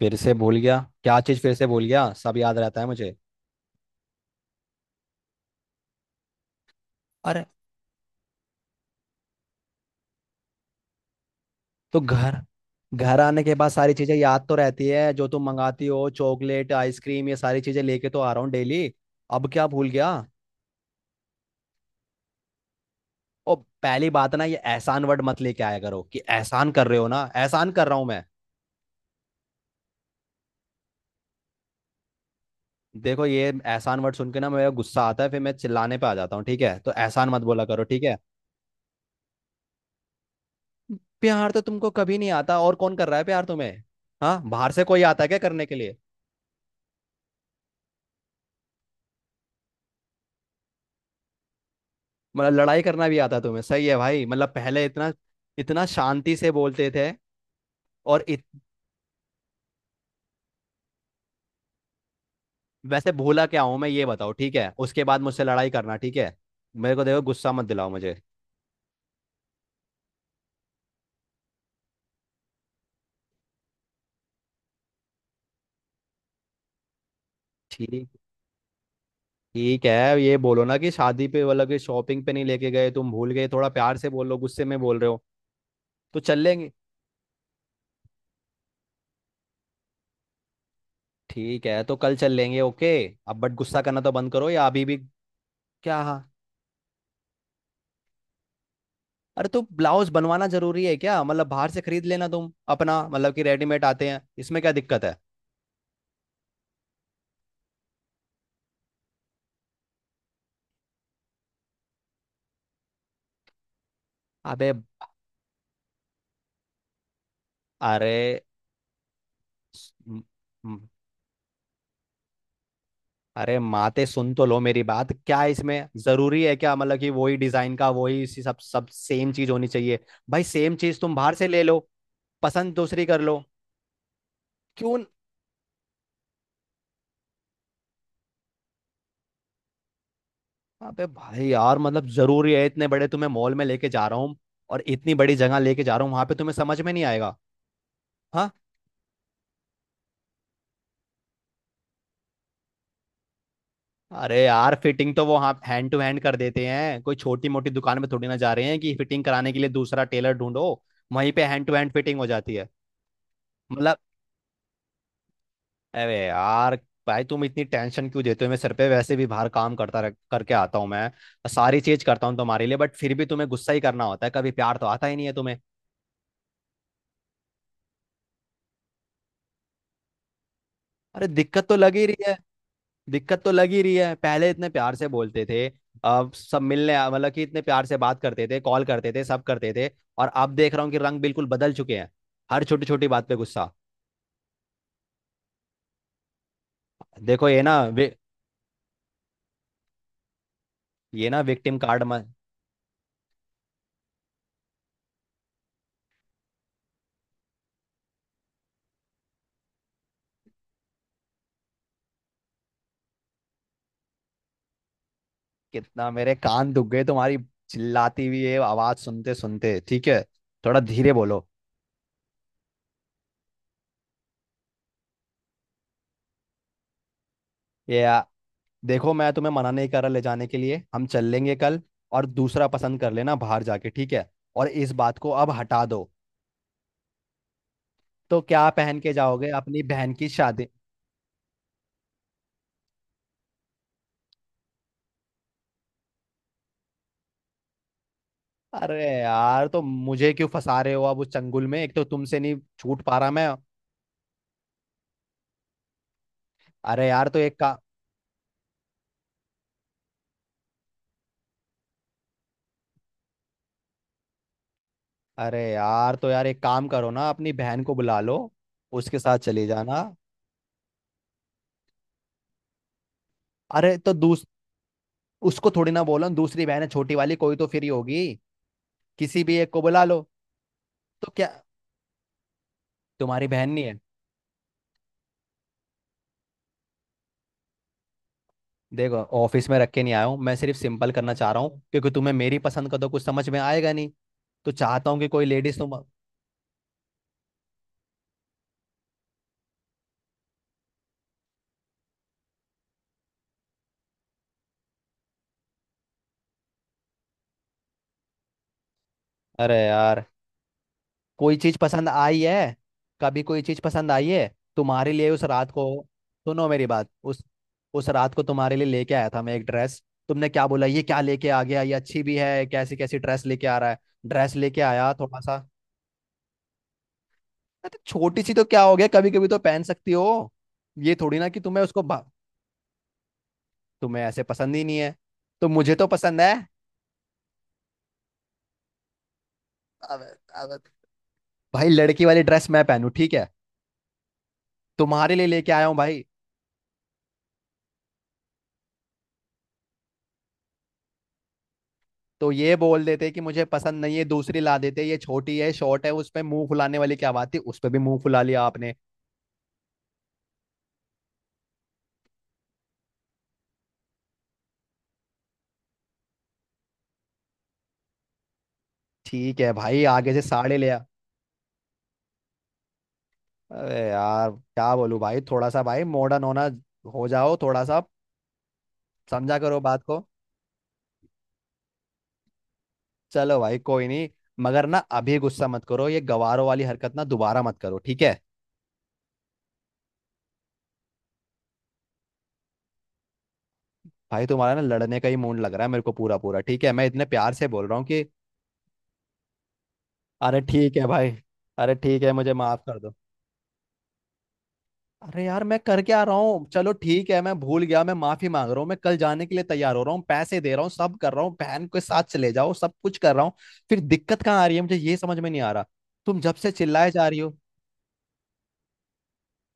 फिर से भूल गया? क्या चीज फिर से भूल गया? सब याद रहता है मुझे। अरे। तो घर घर आने के बाद सारी चीजें याद तो रहती है, जो तुम मंगाती हो, चॉकलेट आइसक्रीम, ये सारी चीजें लेके तो आ रहा हूँ डेली। अब क्या भूल गया? ओ, पहली बात ना, ये एहसान वर्ड मत लेके आया करो कि एहसान कर रहे हो, ना एहसान कर रहा हूँ मैं। देखो, ये एहसान वर्ड सुन के ना मेरा गुस्सा आता है, फिर मैं चिल्लाने पे आ जाता हूँ, ठीक है? तो एहसान मत बोला करो, ठीक है? प्यार तो तुमको कभी नहीं आता, और कौन कर रहा है प्यार तुम्हें? हाँ, बाहर से कोई आता है क्या करने के लिए? मतलब लड़ाई करना भी आता तुम्हें, सही है भाई। मतलब पहले इतना इतना शांति से बोलते थे। और इत, वैसे भूला क्या हूं मैं ये बताओ, ठीक है? उसके बाद मुझसे लड़ाई करना, ठीक है? मेरे को देखो, गुस्सा मत दिलाओ मुझे। ठीक ठीक है, ये बोलो ना कि शादी पे मतलब कि शॉपिंग पे नहीं लेके गए, तुम भूल गए, थोड़ा प्यार से बोल लो, गुस्से में बोल रहे हो, तो चल लेंगे। ठीक है, तो कल चल लेंगे, ओके। अब बट गुस्सा करना तो बंद करो या अभी भी? क्या? हाँ? अरे, तो ब्लाउज बनवाना जरूरी है क्या? मतलब बाहर से खरीद लेना तुम अपना, मतलब कि रेडीमेड आते हैं, इसमें क्या दिक्कत है? अबे, अरे, स- म- म- अरे माते सुन तो लो मेरी बात, क्या इसमें जरूरी है, क्या मतलब कि वही डिजाइन का, वही इसी सब सब सेम चीज होनी चाहिए? भाई सेम चीज तुम बाहर से ले लो, पसंद दूसरी कर लो। क्यों न- अबे भाई यार, मतलब जरूरी है? इतने बड़े तुम्हें मॉल में लेके जा रहा हूँ, और इतनी बड़ी जगह लेके जा रहा हूँ, वहां पे तुम्हें समझ में नहीं आएगा? हाँ। अरे यार, फिटिंग तो वो, हाँ, हैंड टू हैंड कर देते हैं, कोई छोटी मोटी दुकान में थोड़ी ना जा रहे हैं कि फिटिंग कराने के लिए दूसरा टेलर ढूंढो, वहीं पे हैंड टू हैंड फिटिंग हो जाती है। मतलब, अरे यार, भाई तुम इतनी टेंशन क्यों देते हो? मैं सर पे वैसे भी बाहर काम करके आता हूँ मैं, सारी चीज करता हूँ तुम्हारे लिए, बट फिर भी तुम्हें गुस्सा ही करना होता है, कभी प्यार तो आता ही नहीं है तुम्हें। अरे दिक्कत तो लग ही रही है। दिक्कत तो लग ही रही है, पहले इतने प्यार से बोलते थे। अब सब मतलब कि इतने प्यार से बात करते थे, कॉल करते थे, सब करते थे, और अब देख रहा हूँ कि रंग बिल्कुल बदल चुके हैं, हर छोटी छोटी बात पे गुस्सा। देखो ये ना ये ना विक्टिम कार्ड। कितना मेरे कान दुख गए तुम्हारी चिल्लाती हुई ये आवाज सुनते सुनते, ठीक है? थोड़ा धीरे बोलो। ये आ, देखो मैं तुम्हें मना नहीं कर रहा ले जाने के लिए, हम चल लेंगे कल, और दूसरा पसंद कर लेना बाहर जाके, ठीक है? और इस बात को अब हटा दो। तो क्या पहन के जाओगे अपनी बहन की शादी? अरे यार, तो मुझे क्यों फंसा रहे हो अब उस चंगुल में, एक तो तुमसे नहीं छूट पा रहा मैं। अरे यार तो एक का अरे यार, तो यार एक काम करो ना, अपनी बहन को बुला लो, उसके साथ चले जाना। अरे तो दूस उसको थोड़ी ना बोलो, दूसरी बहन है छोटी वाली, कोई तो फ्री होगी, किसी भी एक को बुला लो। तो क्या तुम्हारी बहन नहीं है? देखो, ऑफिस में रख के नहीं आया हूँ मैं, सिर्फ सिंपल करना चाह रहा हूँ क्योंकि तुम्हें मेरी पसंद का तो कुछ समझ में आएगा नहीं, तो चाहता हूँ कि कोई लेडीज तुम। अरे यार, कोई चीज पसंद आई है? कभी कोई चीज पसंद आई है तुम्हारे लिए? उस रात को, सुनो मेरी बात उस रात को तुम्हारे लिए लेके आया था मैं एक ड्रेस, तुमने क्या बोला? ये क्या लेके आ गया, ये अच्छी भी है, कैसी कैसी ड्रेस लेके आ रहा है? ड्रेस लेके आया थोड़ा सा। अरे छोटी सी तो क्या हो गया? कभी कभी तो पहन सकती हो। ये थोड़ी ना कि तुम्हें तुम्हें ऐसे पसंद ही नहीं है? तो मुझे तो पसंद है। अब अब भाई लड़की वाली ड्रेस मैं पहनू, ठीक है? तुम्हारे लिए लेके आया हूँ भाई। तो ये बोल देते कि मुझे पसंद नहीं है, दूसरी ला देते, ये छोटी है, शॉर्ट है, उस पे मुंह फुलाने वाली क्या बात थी? उस पे भी मुंह फुला लिया आपने। ठीक है भाई, आगे से साड़े ले आ। अरे यार क्या बोलूं भाई, थोड़ा सा भाई मॉडर्न होना, हो जाओ थोड़ा सा, समझा करो बात को। चलो भाई, कोई नहीं, मगर ना अभी गुस्सा मत करो, ये गवारों वाली हरकत ना दोबारा मत करो, ठीक है? भाई तुम्हारा ना लड़ने का ही मूड लग रहा है मेरे को, पूरा पूरा, ठीक है? मैं इतने प्यार से बोल रहा हूँ कि, अरे ठीक है भाई, अरे ठीक है, मुझे माफ कर दो। अरे यार, मैं करके आ रहा हूँ, चलो ठीक है, मैं भूल गया, मैं माफी मांग रहा हूँ, मैं कल जाने के लिए तैयार हो रहा हूँ, पैसे दे रहा हूँ, सब कर रहा हूँ, बहन के साथ चले जाओ, सब कुछ कर रहा हूँ। फिर दिक्कत कहाँ आ रही है मुझे, ये समझ में नहीं आ रहा, तुम जब से चिल्लाए जा रही हो।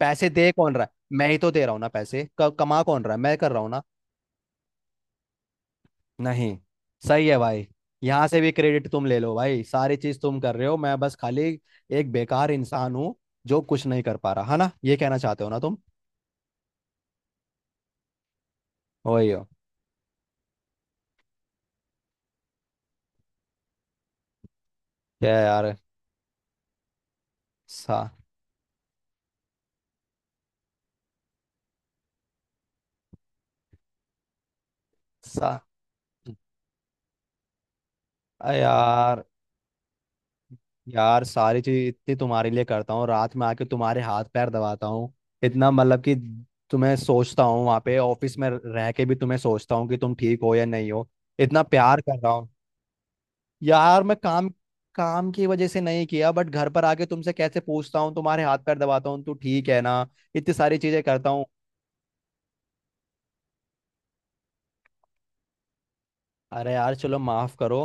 पैसे दे कौन रहा है? मैं ही तो दे रहा हूँ ना पैसे, कमा कौन रहा है? मैं कर रहा हूँ ना। नहीं, सही है भाई, यहाँ से भी क्रेडिट तुम ले लो भाई, सारी चीज तुम कर रहे हो, मैं बस खाली एक बेकार इंसान हूँ, जो कुछ नहीं कर पा रहा है ना, ये कहना चाहते हो ना तुम? वही हो। क्या यार। सा सा अ यार यार सारी चीज इतनी तुम्हारे लिए करता हूँ, रात में आके तुम्हारे हाथ पैर दबाता हूँ, इतना मतलब कि तुम्हें सोचता हूँ, वहां पे ऑफिस में रह के भी तुम्हें सोचता हूँ कि तुम ठीक हो या नहीं हो, इतना प्यार कर रहा हूँ। यार मैं काम काम की वजह से नहीं किया, बट घर पर आके तुमसे कैसे पूछता हूँ, तुम्हारे हाथ पैर दबाता हूँ, तू ठीक है ना, इतनी सारी चीजें करता हूँ। अरे यार चलो माफ करो,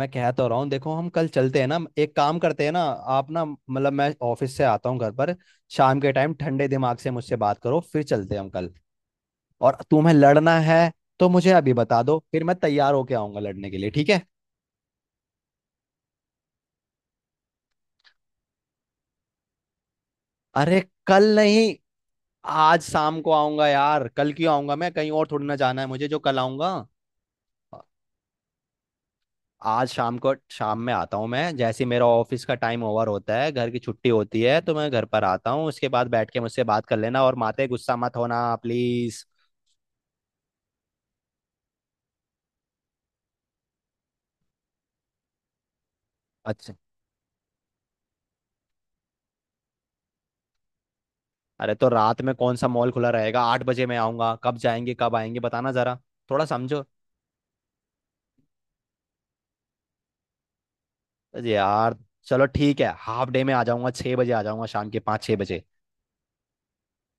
मैं कह तो रहा हूँ, देखो हम कल चलते हैं ना, एक काम करते हैं ना, आप ना मतलब मैं ऑफिस से आता हूँ घर पर शाम के टाइम, ठंडे दिमाग से मुझसे बात करो, फिर चलते हैं हम कल। और तुम्हें लड़ना है तो मुझे अभी बता दो, फिर मैं तैयार होके आऊंगा लड़ने के लिए, ठीक है? अरे कल नहीं, आज शाम को आऊंगा यार, कल क्यों आऊंगा, मैं कहीं और थोड़ी ना जाना है मुझे जो कल आऊंगा? आज शाम को, शाम में आता हूँ मैं, जैसे ही मेरा ऑफिस का टाइम ओवर होता है, घर की छुट्टी होती है, तो मैं घर पर आता हूँ, उसके बाद बैठ के मुझसे बात कर लेना, और माते गुस्सा मत होना प्लीज। अच्छा, अरे तो रात में कौन सा मॉल खुला रहेगा? 8 बजे मैं आऊंगा, कब जाएंगे कब आएंगे बताना जरा, थोड़ा समझो। अरे यार चलो ठीक है, हाफ डे में आ जाऊंगा, 6 बजे आ जाऊंगा, शाम के 5-6 बजे।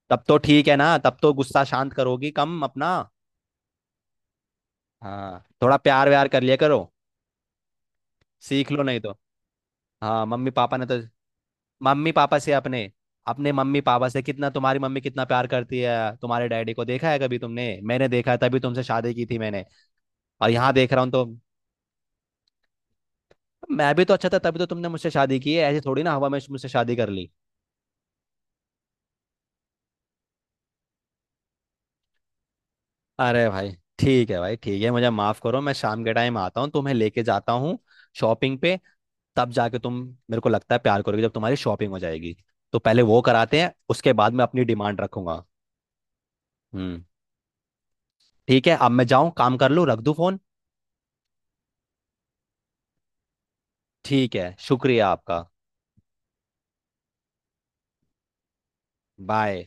तब तो ठीक है ना? तब तो गुस्सा शांत करोगी कम अपना? हाँ थोड़ा प्यार व्यार कर लिया करो, सीख लो नहीं तो। हाँ, मम्मी पापा ने तो मम्मी पापा से अपने अपने मम्मी पापा से, कितना तुम्हारी मम्मी कितना प्यार करती है तुम्हारे डैडी को? देखा है कभी तुमने? मैंने देखा है, तभी तुमसे शादी की थी मैंने, और यहाँ देख रहा हूँ तो। मैं भी तो अच्छा था तभी तो तुमने मुझसे शादी की है, ऐसे थोड़ी ना हवा में मुझसे शादी कर ली? अरे भाई ठीक है भाई, ठीक है मुझे माफ करो, मैं शाम के टाइम आता हूँ, तुम्हें लेके जाता हूँ शॉपिंग पे, तब जाके तुम, मेरे को लगता है प्यार करोगे जब तुम्हारी शॉपिंग हो जाएगी, तो पहले वो कराते हैं उसके बाद मैं अपनी डिमांड रखूंगा। हम्म। ठीक है, अब मैं जाऊँ, काम कर लूँ, रख दूँ फोन? ठीक है, शुक्रिया आपका। बाय।